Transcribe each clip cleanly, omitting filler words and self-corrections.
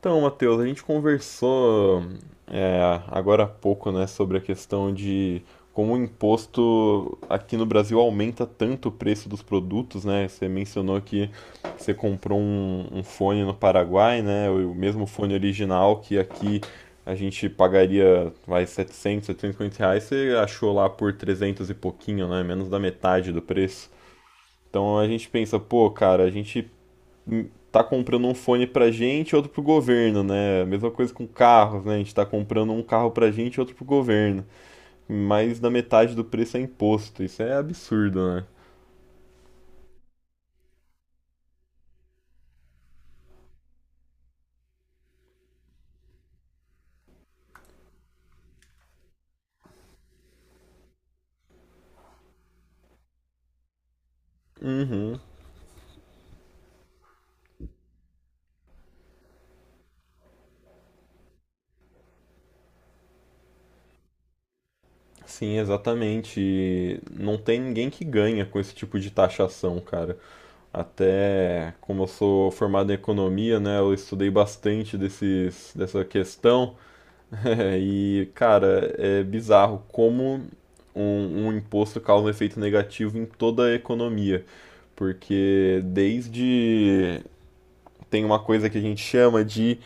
Então, Matheus, a gente conversou agora há pouco, né, sobre a questão de como o imposto aqui no Brasil aumenta tanto o preço dos produtos, né? Você mencionou que você comprou um fone no Paraguai, né? O mesmo fone original que aqui a gente pagaria, vai, 700, R$ 750, você achou lá por 300 e pouquinho, né? Menos da metade do preço. Então a gente pensa, pô, cara, a gente tá comprando um fone pra gente e outro pro governo, né? A mesma coisa com carros, né? A gente tá comprando um carro pra gente e outro pro governo. Mais da metade do preço é imposto. Isso é absurdo, né? Uhum. Sim, exatamente. E não tem ninguém que ganha com esse tipo de taxação, cara. Até como eu sou formado em economia, né? Eu estudei bastante dessa questão. É, e, cara, é bizarro como um imposto causa um efeito negativo em toda a economia. Porque desde. Tem uma coisa que a gente chama de.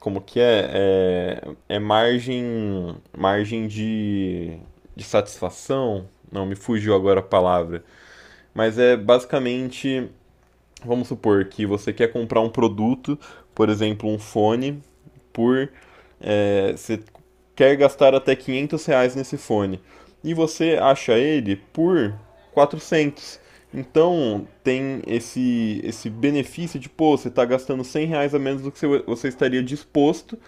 Como que é? É margem. Margem de. De satisfação. Não, me fugiu agora a palavra. Mas é basicamente. Vamos supor que você quer comprar um produto, por exemplo, um fone, por você quer gastar até R$ 500 nesse fone e você acha ele por 400. Então tem esse benefício de, pô, você está gastando R$ 100 a menos do que você estaria disposto.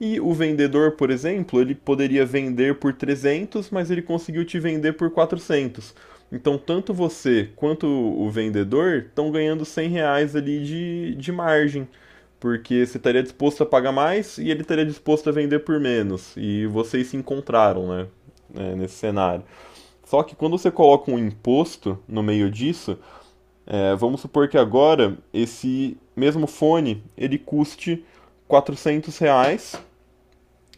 E o vendedor, por exemplo, ele poderia vender por 300, mas ele conseguiu te vender por 400. Então tanto você quanto o vendedor estão ganhando R$ 100 ali de margem, porque você estaria disposto a pagar mais e ele estaria disposto a vender por menos. E vocês se encontraram, né? Nesse cenário. Só que quando você coloca um imposto no meio disso, vamos supor que agora esse mesmo fone ele custe R$ 400,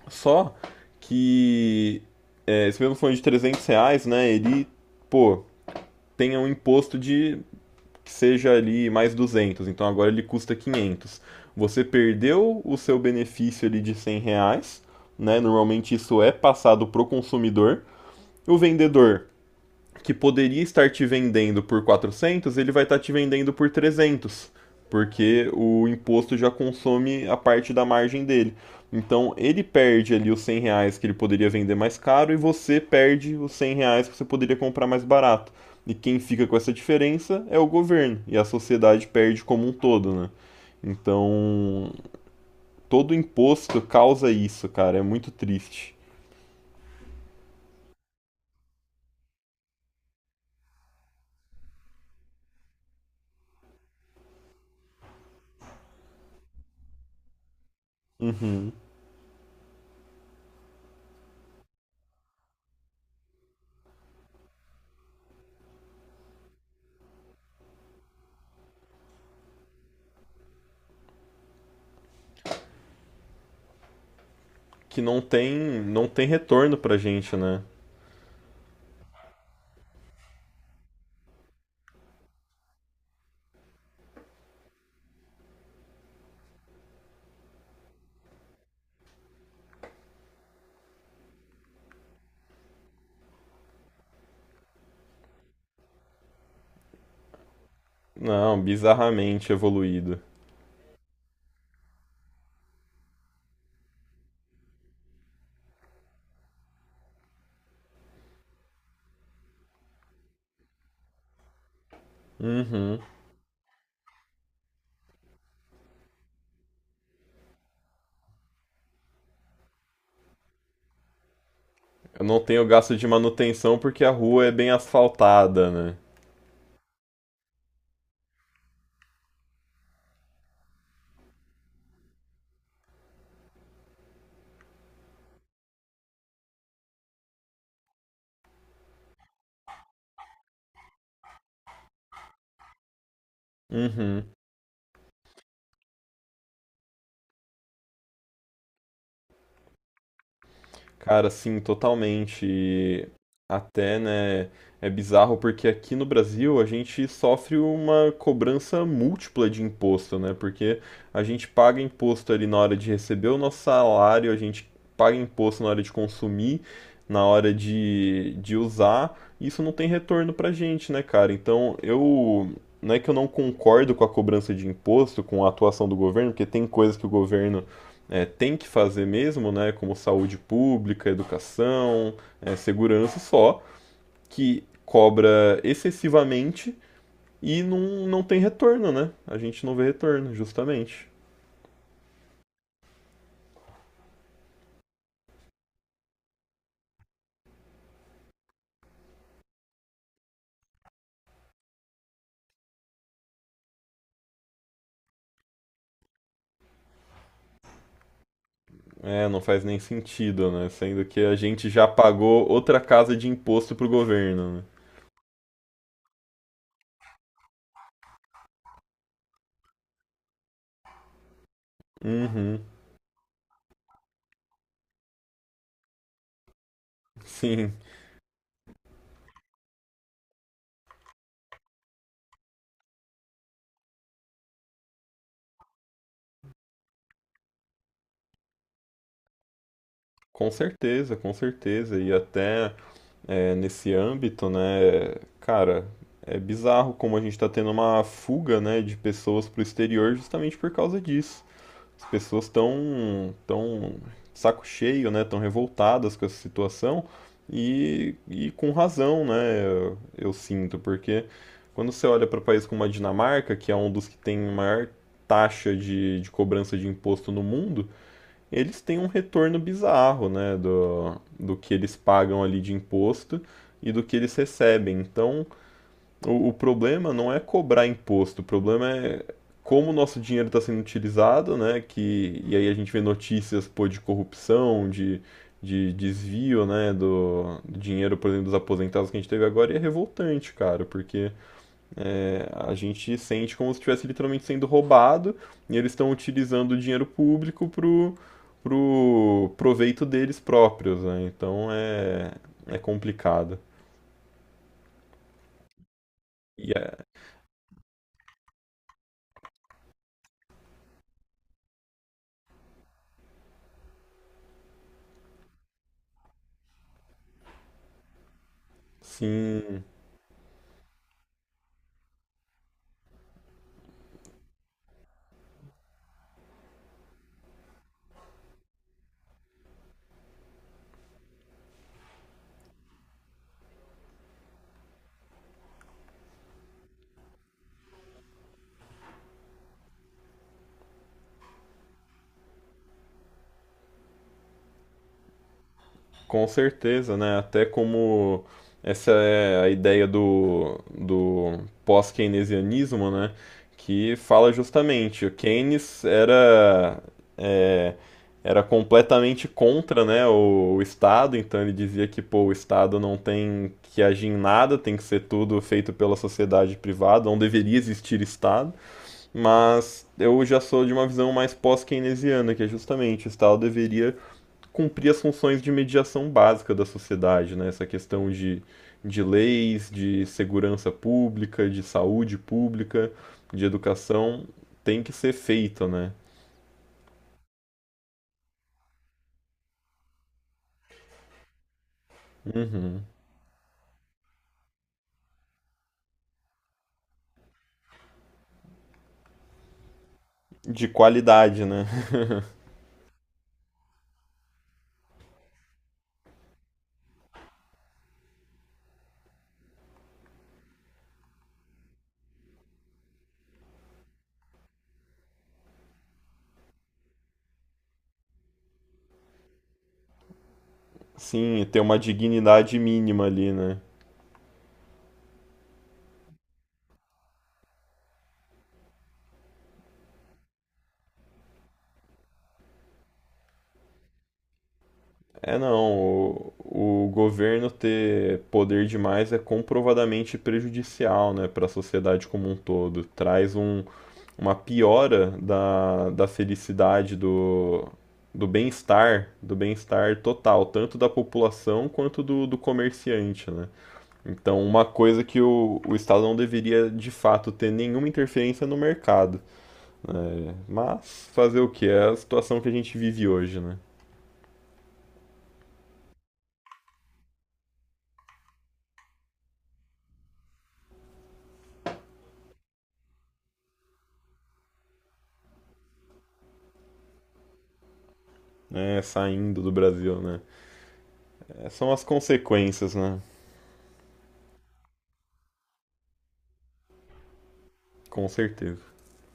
só que esse mesmo fone de R$ 300, né, ele, pô, tem um imposto de que seja ali mais 200, então agora ele custa 500. Você perdeu o seu benefício ali de R$ 100, né? Normalmente isso é passado pro consumidor. O vendedor que poderia estar te vendendo por 400, ele vai estar te vendendo por 300, porque o imposto já consome a parte da margem dele. Então ele perde ali os R$ 100 que ele poderia vender mais caro e você perde os R$ 100 que você poderia comprar mais barato. E quem fica com essa diferença é o governo, e a sociedade perde como um todo, né? Então todo imposto causa isso, cara. É muito triste. Uhum. Que não tem retorno pra gente, né? Não, bizarramente evoluído. Uhum. Eu não tenho gasto de manutenção porque a rua é bem asfaltada, né? Uhum. Cara, assim, totalmente. E até, né, é bizarro porque aqui no Brasil a gente sofre uma cobrança múltipla de imposto, né? Porque a gente paga imposto ali na hora de receber o nosso salário, a gente paga imposto na hora de consumir, na hora de usar. E isso não tem retorno pra gente, né, cara? Então, eu. Não é que eu não concordo com a cobrança de imposto, com a atuação do governo, porque tem coisas que o governo tem que fazer mesmo, né, como saúde pública, educação, é, segurança, só que cobra excessivamente e não tem retorno, né? A gente não vê retorno, justamente. É, não faz nem sentido, né? Sendo que a gente já pagou outra casa de imposto pro governo, né? Uhum, sim, com certeza, com certeza. E até nesse âmbito, né? Cara, é bizarro como a gente está tendo uma fuga, né, de pessoas para o exterior justamente por causa disso. As pessoas estão tão saco cheio, né? Tão revoltadas com essa situação e com razão, né? Eu sinto, porque quando você olha para países como a Dinamarca, que é um dos que tem maior taxa de cobrança de imposto no mundo, eles têm um retorno bizarro, né, do, do que eles pagam ali de imposto e do que eles recebem. Então, o problema não é cobrar imposto, o problema é como o nosso dinheiro está sendo utilizado, né, que, e aí a gente vê notícias, pô, de corrupção, de desvio, né, do, do dinheiro, por exemplo, dos aposentados que a gente teve agora, e é revoltante, cara, porque é, a gente sente como se estivesse literalmente sendo roubado e eles estão utilizando o dinheiro público pro, pro proveito deles próprios, né? Então é, é complicado. E é, sim, com certeza, né? Até como essa é a ideia do, do pós-keynesianismo, né? Que fala justamente, o Keynes era, é, era completamente contra, né, o Estado, então ele dizia que, pô, o Estado não tem que agir em nada, tem que ser tudo feito pela sociedade privada, não deveria existir Estado, mas eu já sou de uma visão mais pós-keynesiana, que é justamente o Estado deveria cumprir as funções de mediação básica da sociedade, né? Essa questão de leis, de segurança pública, de saúde pública, de educação, tem que ser feita, né? Uhum. De qualidade, né? Sim, e ter uma dignidade mínima ali, né? É não, o governo ter poder demais é comprovadamente prejudicial, né, para a sociedade como um todo. Traz um, uma piora da, da felicidade, do, do bem-estar total, tanto da população quanto do, do comerciante, né? Então, uma coisa que o Estado não deveria, de fato, ter nenhuma interferência no mercado. Né? Mas fazer o que? É a situação que a gente vive hoje, né? É, saindo do Brasil, né? É, são as consequências, né? Com certeza.